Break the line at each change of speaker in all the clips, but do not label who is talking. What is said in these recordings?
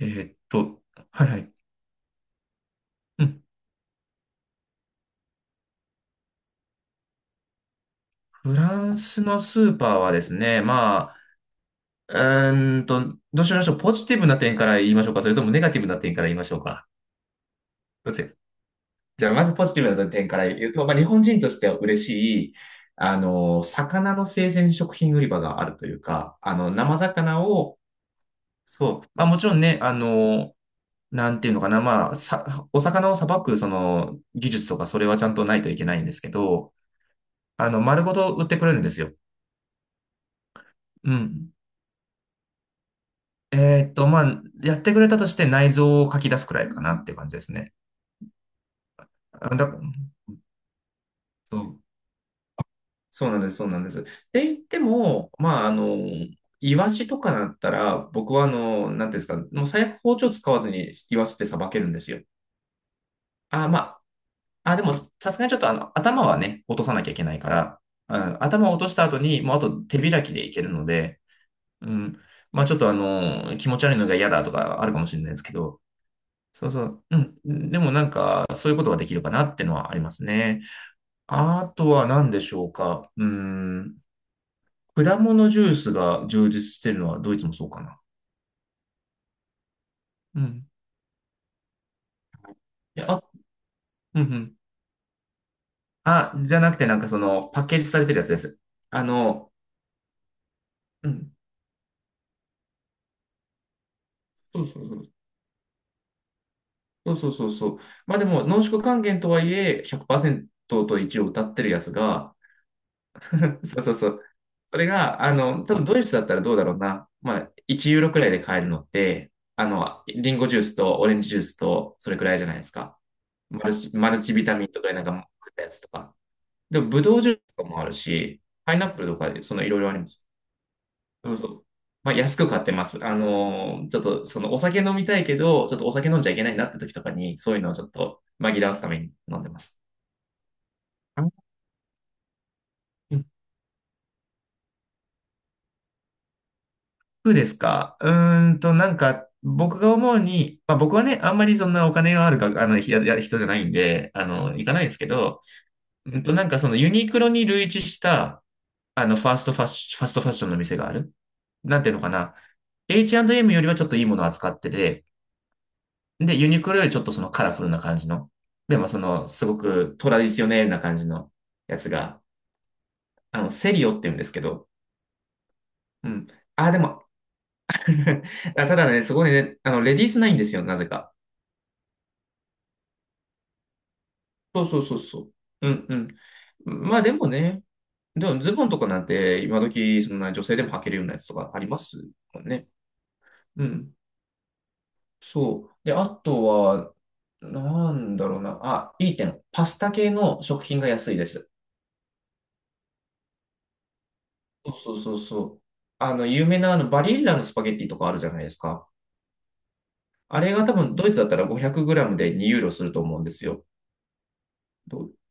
えーっと、はいはい。うん。フランスのスーパーはですね、まあ、どうしましょう。ポジティブな点から言いましょうか。それともネガティブな点から言いましょうか。どっちが、じゃあ、まずポジティブな点から言うと、まあ、日本人としては嬉しい、あの、魚の生鮮食品売り場があるというか、あの、生魚を、そう、まあ、もちろんね、あの、なんていうのかな、まあ、さ、お魚をさばく、その、技術とか、それはちゃんとないといけないんですけど、あの、丸ごと売ってくれるんですよ。うん。まあ、やってくれたとして内臓を書き出すくらいかなっていう感じですね。あ、だ、そう、そうなんです、そうなんです。って言っても、まあ、あの、イワシとかだったら、僕は、あの、なんていうんですか、もう最悪包丁使わずにイワシってさばけるんですよ。あ、まあ、あ、でも、さすがにちょっと、あの、頭はね、落とさなきゃいけないから、あ、頭を落とした後に、もうあと手開きでいけるので、うん、まあ、ちょっと、あの、気持ち悪いのが嫌だとかあるかもしれないですけど、そうそう。うん。でもなんか、そういうことができるかなってのはありますね。あとは何でしょうか。うーん。果物ジュースが充実してるのはドイツもそうかな。うん。いや、あ、うんうん。あ、じゃなくてなんかその、パッケージされてるやつです。あの、うん。そうそうそう。そうそうそうそう。まあでも、濃縮還元とはいえ、100%と一応歌ってるやつが、そうそうそう。それが、あの、多分ドイツだったらどうだろうな。まあ、1ユーロくらいで買えるのって、あの、リンゴジュースとオレンジジュースと、それくらいじゃないですか。マルチビタミンとかなんか食ったやつとか。でも、ブドウジュースとかもあるし、パイナップルとかで、そのいろいろあります。そうそう。まあ、安く買ってます。あのーちょっと、その、お酒飲みたいけど、ちょっとお酒飲んじゃいけないなって時とかに、そういうのをちょっと紛らわすために飲んでます。あ、うん。服ですか。なんか、僕が思うに、まあ僕はね、あんまりそんなお金があるか、あの、ひやや人じゃないんで、あの、行かないんですけど、なんかそのユニクロに類似した、あの、ファーストファッシファストファッションの店がある。なんていうのかな。H&M よりはちょっといいものを扱ってて、で、ユニクロよりちょっとそのカラフルな感じの、でもその、すごくトラディショネルな感じのやつが、あの、セリオって言うんですけど、うん。あ、でも、あただね、そこでね、あの、レディースないんですよ、なぜか。そうそうそうそう。うんうん。まあでもね、でもズボンとかなんて今時そんな女性でも履けるようなやつとかありますもんね。うん。そう。で、あとは、なんだろうな。あ、いい点。パスタ系の食品が安いです。そうそうそうそう。あの、有名なあのバリッラのスパゲッティとかあるじゃないですか。あれが多分ドイツだったら 500g で2ユーロすると思うんですよ。ど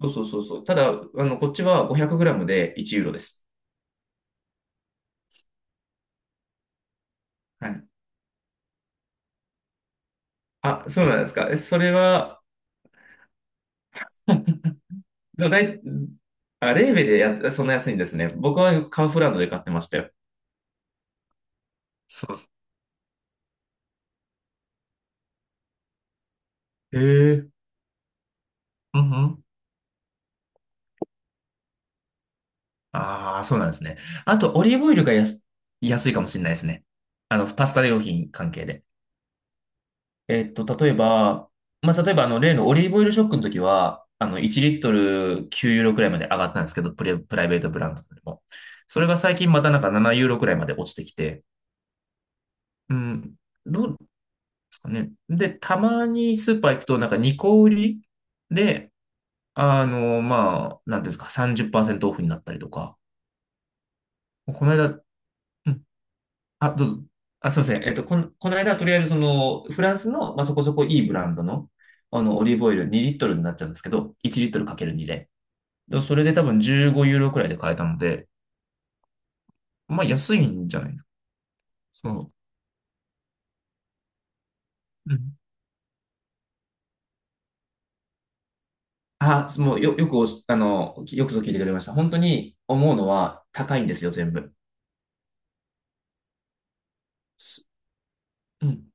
そうそうそうそう。ただ、あの、こっちは 500g で1ユーロです。はい。あ、そうなんですか。えそれは、でもだい、あ、レーベでやっ、そんな安いんですね。僕はカウフランドで買ってましたよ。そうです。へえ。うんうん。ああ、そうなんですね。あと、オリーブオイルが安、安いかもしれないですね。あの、パスタ用品関係で。例えば、まあ、例えば、あの、例のオリーブオイルショックの時は、あの、1リットル9ユーロくらいまで上がったんですけど、プライベートブランドでも。それが最近またなんか7ユーロくらいまで落ちてきて、うん、ど、ね。で、たまにスーパー行くと、なんか2個売りで、あの、まあ、なんていうんですか、30%オフになったりとか。この間、うん、あ、どうぞ。あ、すいません。この間、とりあえず、その、フランスの、まあ、そこそこいいブランドの、あの、オリーブオイル2リットルになっちゃうんですけど、1リットルかける2で。でそれで多分15ユーロくらいで買えたので、まあ、安いんじゃないの。そう。うん。あ、もう、よくおし、あの、よくぞ聞いてくれました。本当に思うのは、高いんですよ、全部。すうん。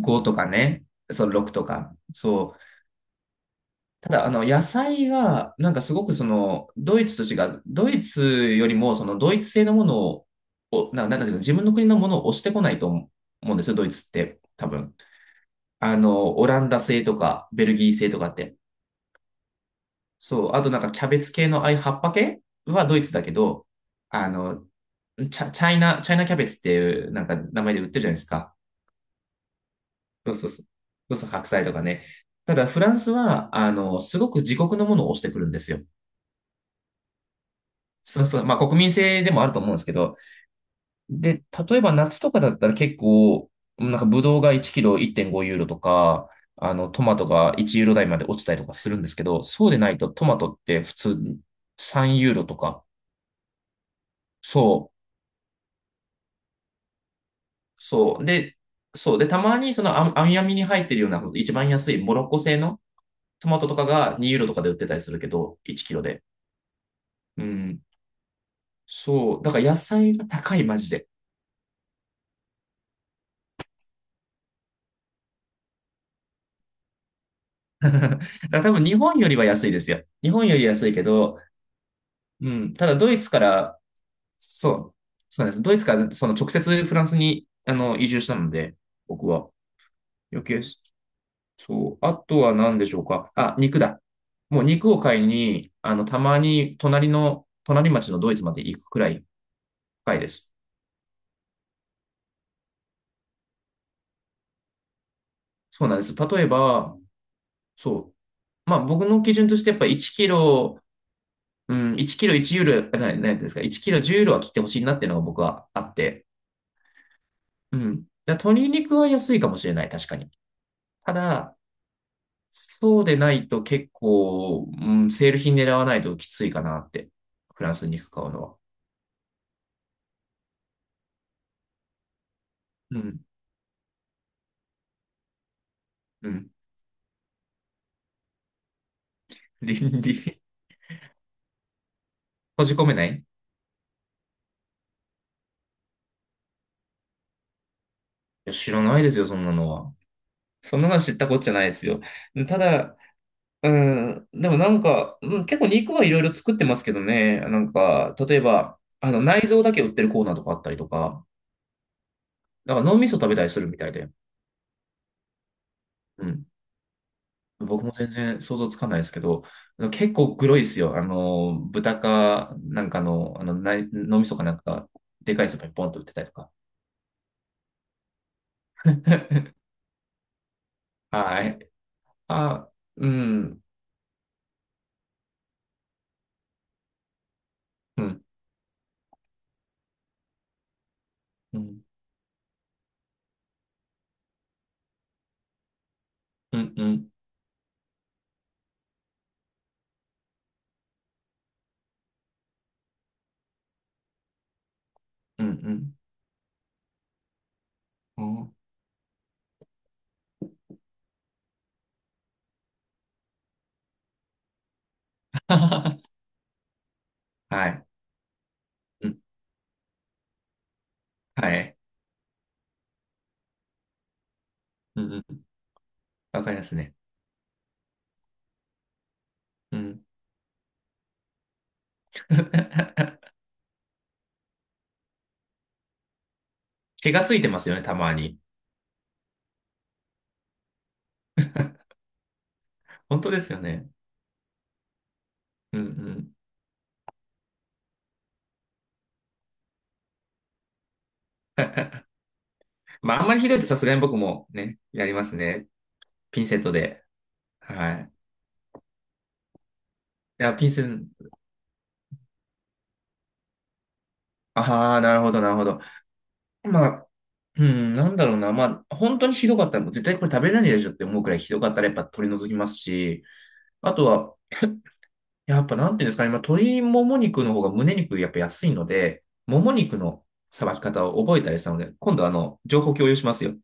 5とかね、そう、6とか。そう。ただ、あの、野菜が、なんかすごくその、ドイツと違う、ドイツよりも、その、ドイツ製のものを、なんだけど、自分の国のものを押してこないと思うんですよ、ドイツって、多分。あの、オランダ製とか、ベルギー製とかって。そう。あと、なんか、キャベツ系の、ああいう葉っぱ系はドイツだけど、あの、チャイナキャベツっていう、なんか、名前で売ってるじゃないですか。そうそうそう。そうそう、白菜とかね。ただ、フランスは、あの、すごく自国のものを押してくるんですよ。そうそう。まあ、国民性でもあると思うんですけど。で、例えば夏とかだったら結構、なんか、ブドウが1キロ1.5ユーロとか、あの、トマトが1ユーロ台まで落ちたりとかするんですけど、そうでないとトマトって普通に3ユーロとか。そう、そう。で、そう。で、たまにその、網網に入ってるような、一番安いモロッコ製のトマトとかが2ユーロとかで売ってたりするけど、1キロで。うん。そう。だから野菜が高い、マジで。だから多分日本よりは安いですよ。日本より安いけど、うん。ただドイツから、そう、そうなんです。ドイツからその直接フランスにあの移住したので、僕は。余計、そう。あとは何でしょうか。あ、肉だ。もう肉を買いに、あの、たまに隣町のドイツまで行くくらい高いです。そうなんです。例えば、そう。まあ僕の基準としてやっぱ1キロ、うん、1キロ1ユーロ、なんですか、1キロ10ユーロは切ってほしいなっていうのが僕はあって。うん。だから鶏肉は安いかもしれない、確かに。ただ、そうでないと結構、うん、セール品狙わないときついかなって。フランス肉買うのは。うん。うん。倫理。閉じ込めない、いや、知らないですよ、そんなのは。そんなの知ったこっちゃないですよ。ただ、うん、でもなんか、うん、結構肉はいろいろ作ってますけどね。なんか、例えば、あの、内臓だけ売ってるコーナーとかあったりとか、だから脳みそ食べたりするみたいで。うん。僕も全然想像つかないですけど、結構グロいっすよ。あの、豚か、なんかの、あの、ない脳みそかなんか、でかいスーパーにポンと売ってたりとか。はい。あ、うん、うん、うん、うん、うん、うん、うん、うん。はい、うん、はい、うん、うん、わかりますね。うん。毛がついてますよね、たまに。本当ですよね。うん、うん。まあ、あんまりひどいとさすがに僕もね、やりますね。ピンセットで。はい。いや、ピースン、ああ、なるほど、なるほど。まあ、うん、なんだろうな。まあ、本当にひどかったら、もう絶対これ食べれないでしょって思うくらいひどかったら、やっぱ取り除きますし、あとは、やっぱなんていうんですかね、まあ、鶏もも肉の方が胸肉やっぱ安いので、もも肉のさばき方を覚えたりしたので、今度あの、情報共有しますよ。